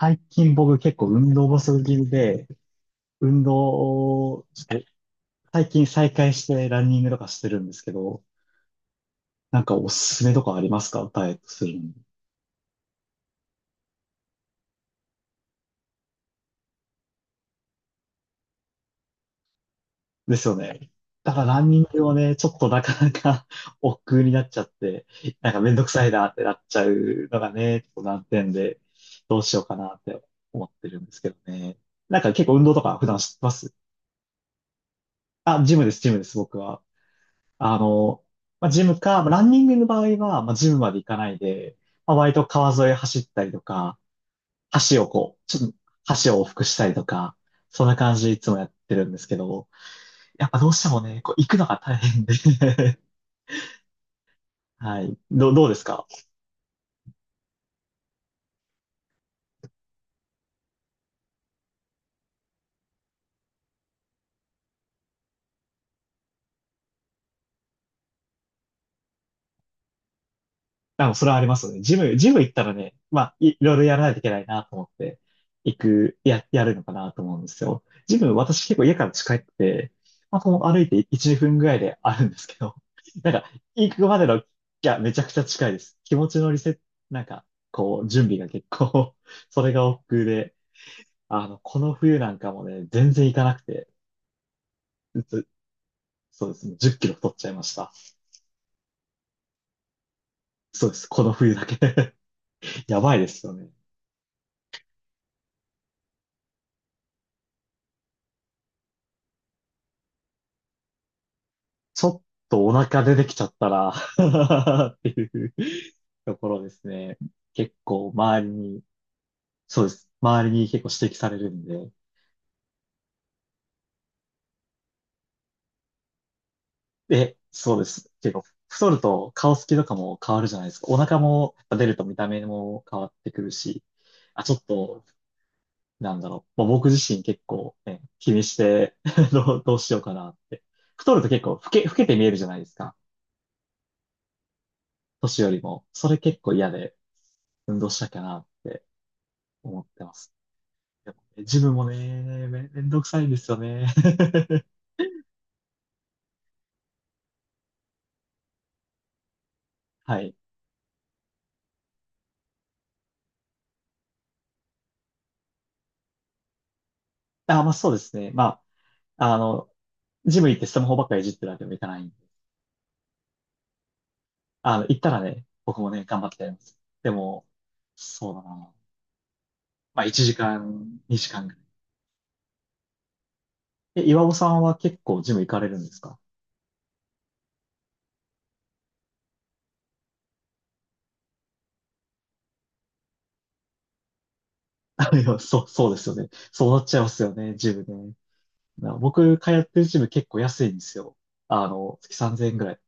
最近僕結構運動不足気味で、運動をちょっと最近再開してランニングとかしてるんですけど、なんかおすすめとかありますかダイエットするのに？ですよね。だからランニングをね、ちょっとなかなか 億劫になっちゃって、なんかめんどくさいなってなっちゃうのがね、ちょっと難点で、どうしようかなって思ってるんですけどね。なんか結構運動とか普段してます？あ、ジムです、ジムです、僕は。あの、まあ、ジムか、まあランニングの場合は、まあ、ジムまで行かないで、まあ、割と川沿い走ったりとか、橋をこう、ちょっと橋を往復したりとか、そんな感じでいつもやってるんですけど、やっぱどうしてもね、こう行くのが大変で はい。どうですか？あ、それはありますよね。ジム行ったらね、まあ、いろいろやらないといけないなと思って、行く、や、やるのかなと思うんですよ。ジム、私結構家から近くて、まあ、この歩いて1、2分ぐらいであるんですけど、なんか、行くまでの、いや、めちゃくちゃ近いです。気持ちのリセット、なんか、こう、準備が結構 それが億劫で、あの、この冬なんかもね、全然行かなくて、ずそうですね、10キロ太っちゃいました。そうです、この冬だけ やばいですよね。ちょっとお腹出てきちゃったら っていうところですね。結構周りに、そうです。周りに結構指摘されるんで。え、そうです。結構太ると顔つきとかも変わるじゃないですか。お腹も出ると見た目も変わってくるし。あ、ちょっと、なんだろう。もう僕自身結構、ね、気にして どうしようかなって。太ると結構老けて見えるじゃないですか。年よりも。それ結構嫌で運動したいかなって思ってます。でもねジムもね、めんどくさいんですよね。はい。あ、まあそうですね。まあ、あの、ジム行ってスマホばっかりいじってるわけにもいかないんで。あの、行ったらね、僕もね、頑張ってやります。でも、そうだな。まあ1時間、2時間ぐらい。え、岩尾さんは結構ジム行かれるんですか？ あいや、そうですよね。そうなっちゃいますよね、ジムね。僕、通ってるジム結構安いんですよ。あの、月3000円ぐらい。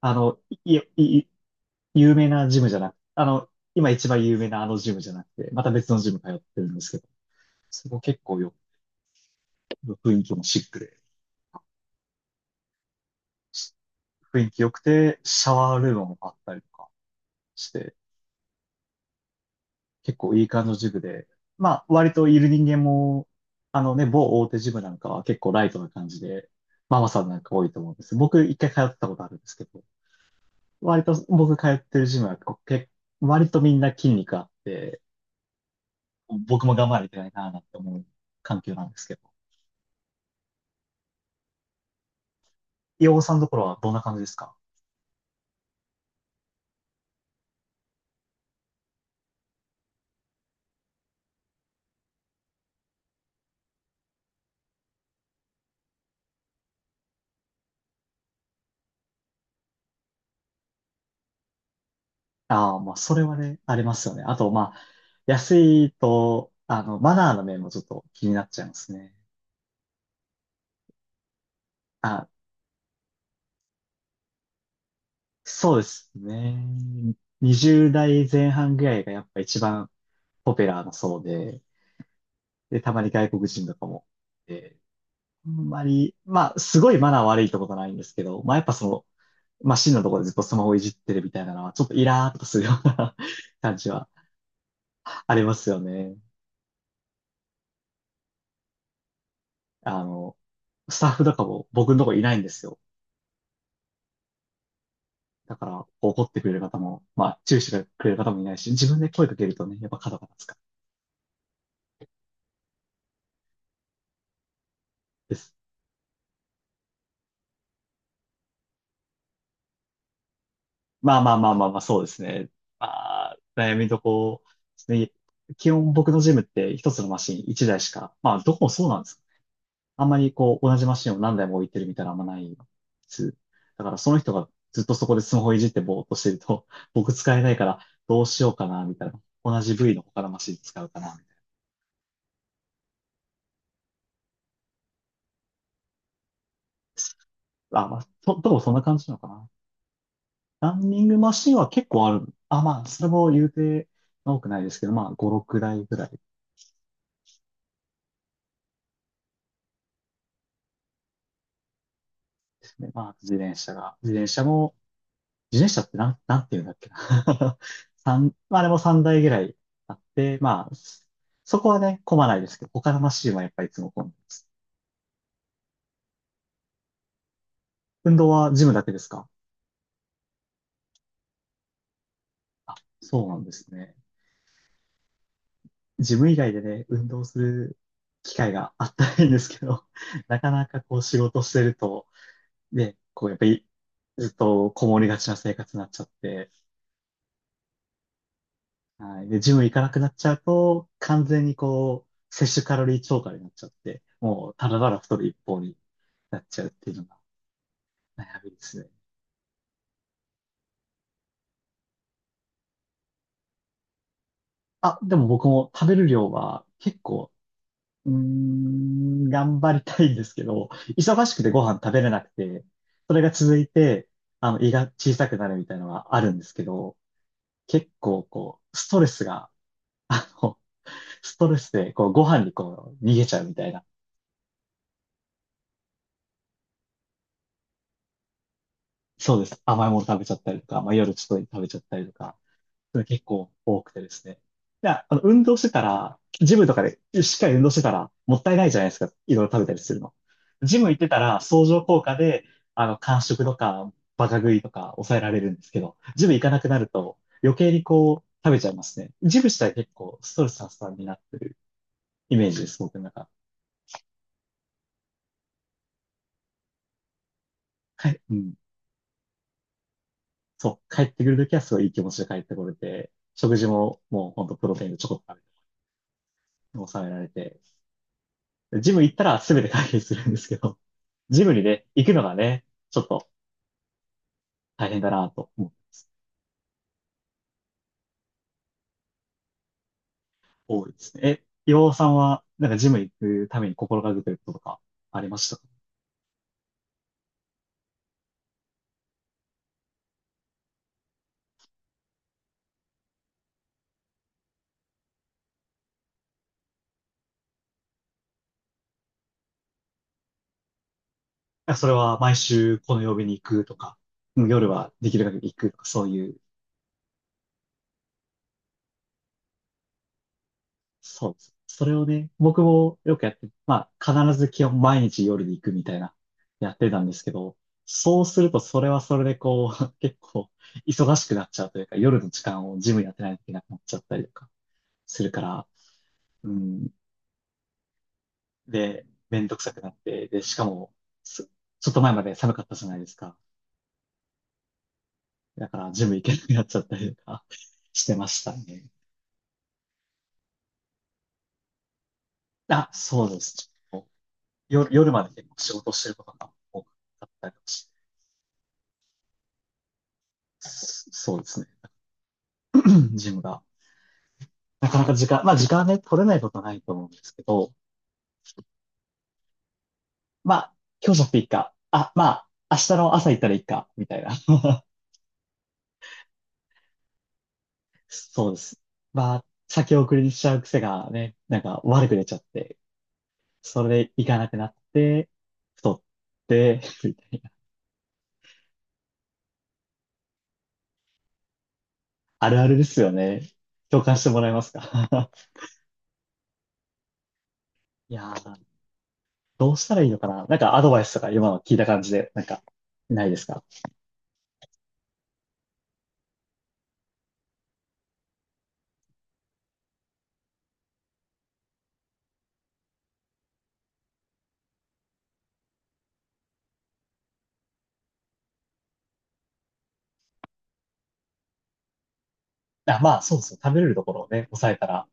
あの、い、い、い有名なジムじゃなく、あの、今一番有名なあのジムじゃなくて、また別のジム通ってるんですけど、そこ結構雰囲気もシックで、し雰囲気良くて、シャワールームもあったりとかして、結構いい感じのジムで、まあ、割といる人間も、あのね、某大手ジムなんかは結構ライトな感じで、ママさんなんか多いと思うんです。僕一回通ったことあるんですけど、割と僕通ってるジムはこうけ、割とみんな筋肉あって、僕も頑張りないないなって思う環境なんですけど、洋尾さんのところはどんな感じですか？ああー、まあ、それはね、ありますよね。あと、まあ、安いと、あの、マナーの面もちょっと気になっちゃいますね。あ、そうですね。20代前半ぐらいがやっぱ一番ポピュラーなそうで、で、たまに外国人とかも。で、あんまり、まあ、すごいマナー悪いってことはないんですけど、まあ、やっぱその、まあ、のところでずっとスマホいじってるみたいなのは、ちょっとイラーっとするような 感じはありますよね。あの、スタッフとかも僕のとこいないんですよ。だから、怒ってくれる方も、まあ、注意してくれる方もいないし、自分で声かけるとね、やっぱ角が立つからです。まあまあまあまあまあ、そうですね。まあ、悩みどころですね。基本僕のジムって一つのマシン一台しか、まあ、どこもそうなんです。あんまりこう、同じマシンを何台も置いてるみたいなのあんまないです。だから、その人がずっとそこでスマホいじってぼーっとしてると、僕使えないから、どうしようかな、みたいな。同じ部位の他のマシン使うかな、みたいな。あ、まあ、どうもそんな感じなのかな。ランニングマシンは結構ある。あ、まあ、それも言うて多くないですけど、まあ、5、6台ぐらいですね。まあ、自転車が。自転車も、自転車ってなんていうんだっけな。まあ、あれも3台ぐらいあって、まあ、そこはね、混まないですけど、他のマシンはやっぱりいつも混んでます。運動はジムだけですか？あ、そうなんですね。ジム以外でね、運動する機会があったらいいんですけど、なかなかこう仕事してると、で、こう、やっぱり、ずっとこもりがちな生活になっちゃって、はい。で、ジム行かなくなっちゃうと、完全にこう、摂取カロリー超過になっちゃって、もう、ただただ太る一方になっちゃうっていうのが悩みですね。あ、でも僕も食べる量は結構、うーん、頑張りたいんですけど、忙しくてご飯食べれなくて、それが続いて、あの、胃が小さくなるみたいなのはあるんですけど、結構こう、ストレスが、あの、ストレスで、こう、ご飯にこう、逃げちゃうみたいな。そうです。甘いもの食べちゃったりとか、まあ、夜ちょっと食べちゃったりとか、それ結構多くてですね。いや、あの、運動してたら、ジムとかでしっかり運動してたら、もったいないじゃないですか。いろいろ食べたりするの。ジム行ってたら、相乗効果で、あの、間食とか、バカ食いとか抑えられるんですけど、ジム行かなくなると、余計にこう、食べちゃいますね。ジム自体結構ストレス発散になってるイメージです、僕の中。はい。うん。そう、帰ってくるときはすごいいい気持ちで帰ってこれて、食事ももうほんとプロテインでちょこっと食べて、抑えられて、ジム行ったら全て解決するんですけど、ジムにね、行くのがね、ちょっと大変だなと思う、多いですね。え、岩尾さんは、なんかジム行くために心がけてることとかありましたか？それは毎週この曜日に行くとか、うん夜はできる限り行くとか、そういうそうです。それをね、僕もよくやって、まあ、必ず基本毎日夜に行くみたいな、やってたんですけど、そうするとそれはそれでこう、結構忙しくなっちゃうというか、夜の時間をジムやってないといけなくなっちゃったりとかするから、うん、で、めんどくさくなって、で、しかも、すちょっと前まで寒かったじゃないですか。だからジム行けなくなっちゃったりとか してましたね。あ、そうです。夜まで結構仕事してることが多かったりとかしてそうですね。ジムが。なかなか時間、まあ時間はね、取れないことはないと思うんですけど、まあ、今日じゃなくていいか。あ、まあ、明日の朝行ったらいいか、みたいな。そうです。まあ、先送りにしちゃう癖がね、なんか悪く出ちゃって、それで行かなくなって、太って、みたいな。あるあるですよね。共感してもらえますか？ いやー、どうしたらいいのかななんかアドバイスとか今の聞いた感じで、なんか、ないですか？あ、まあ、そうですよ。食べれるところをね、抑えたら、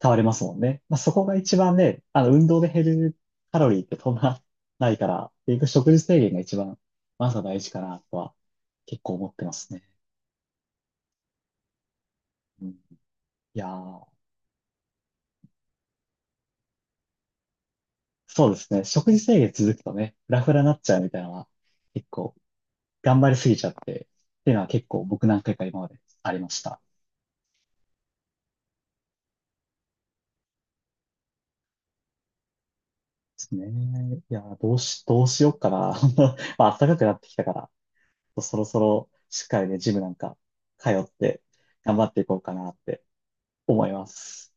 変われますもんね。まあ、そこが一番ね、あの、運動で減るカロリーってそんなないから、結局食事制限が一番、まずは大事かなとは結構思ってますね。うん、いやー、そうですね。食事制限続くとね、フラフラになっちゃうみたいなのは、結構頑張りすぎちゃって、っていうのは結構僕何回か今までありました。ですね。いやー、どうしようかな。まあ、暖かくなってきたから、そろそろしっかりね、ジムなんか通って頑張っていこうかなって思います。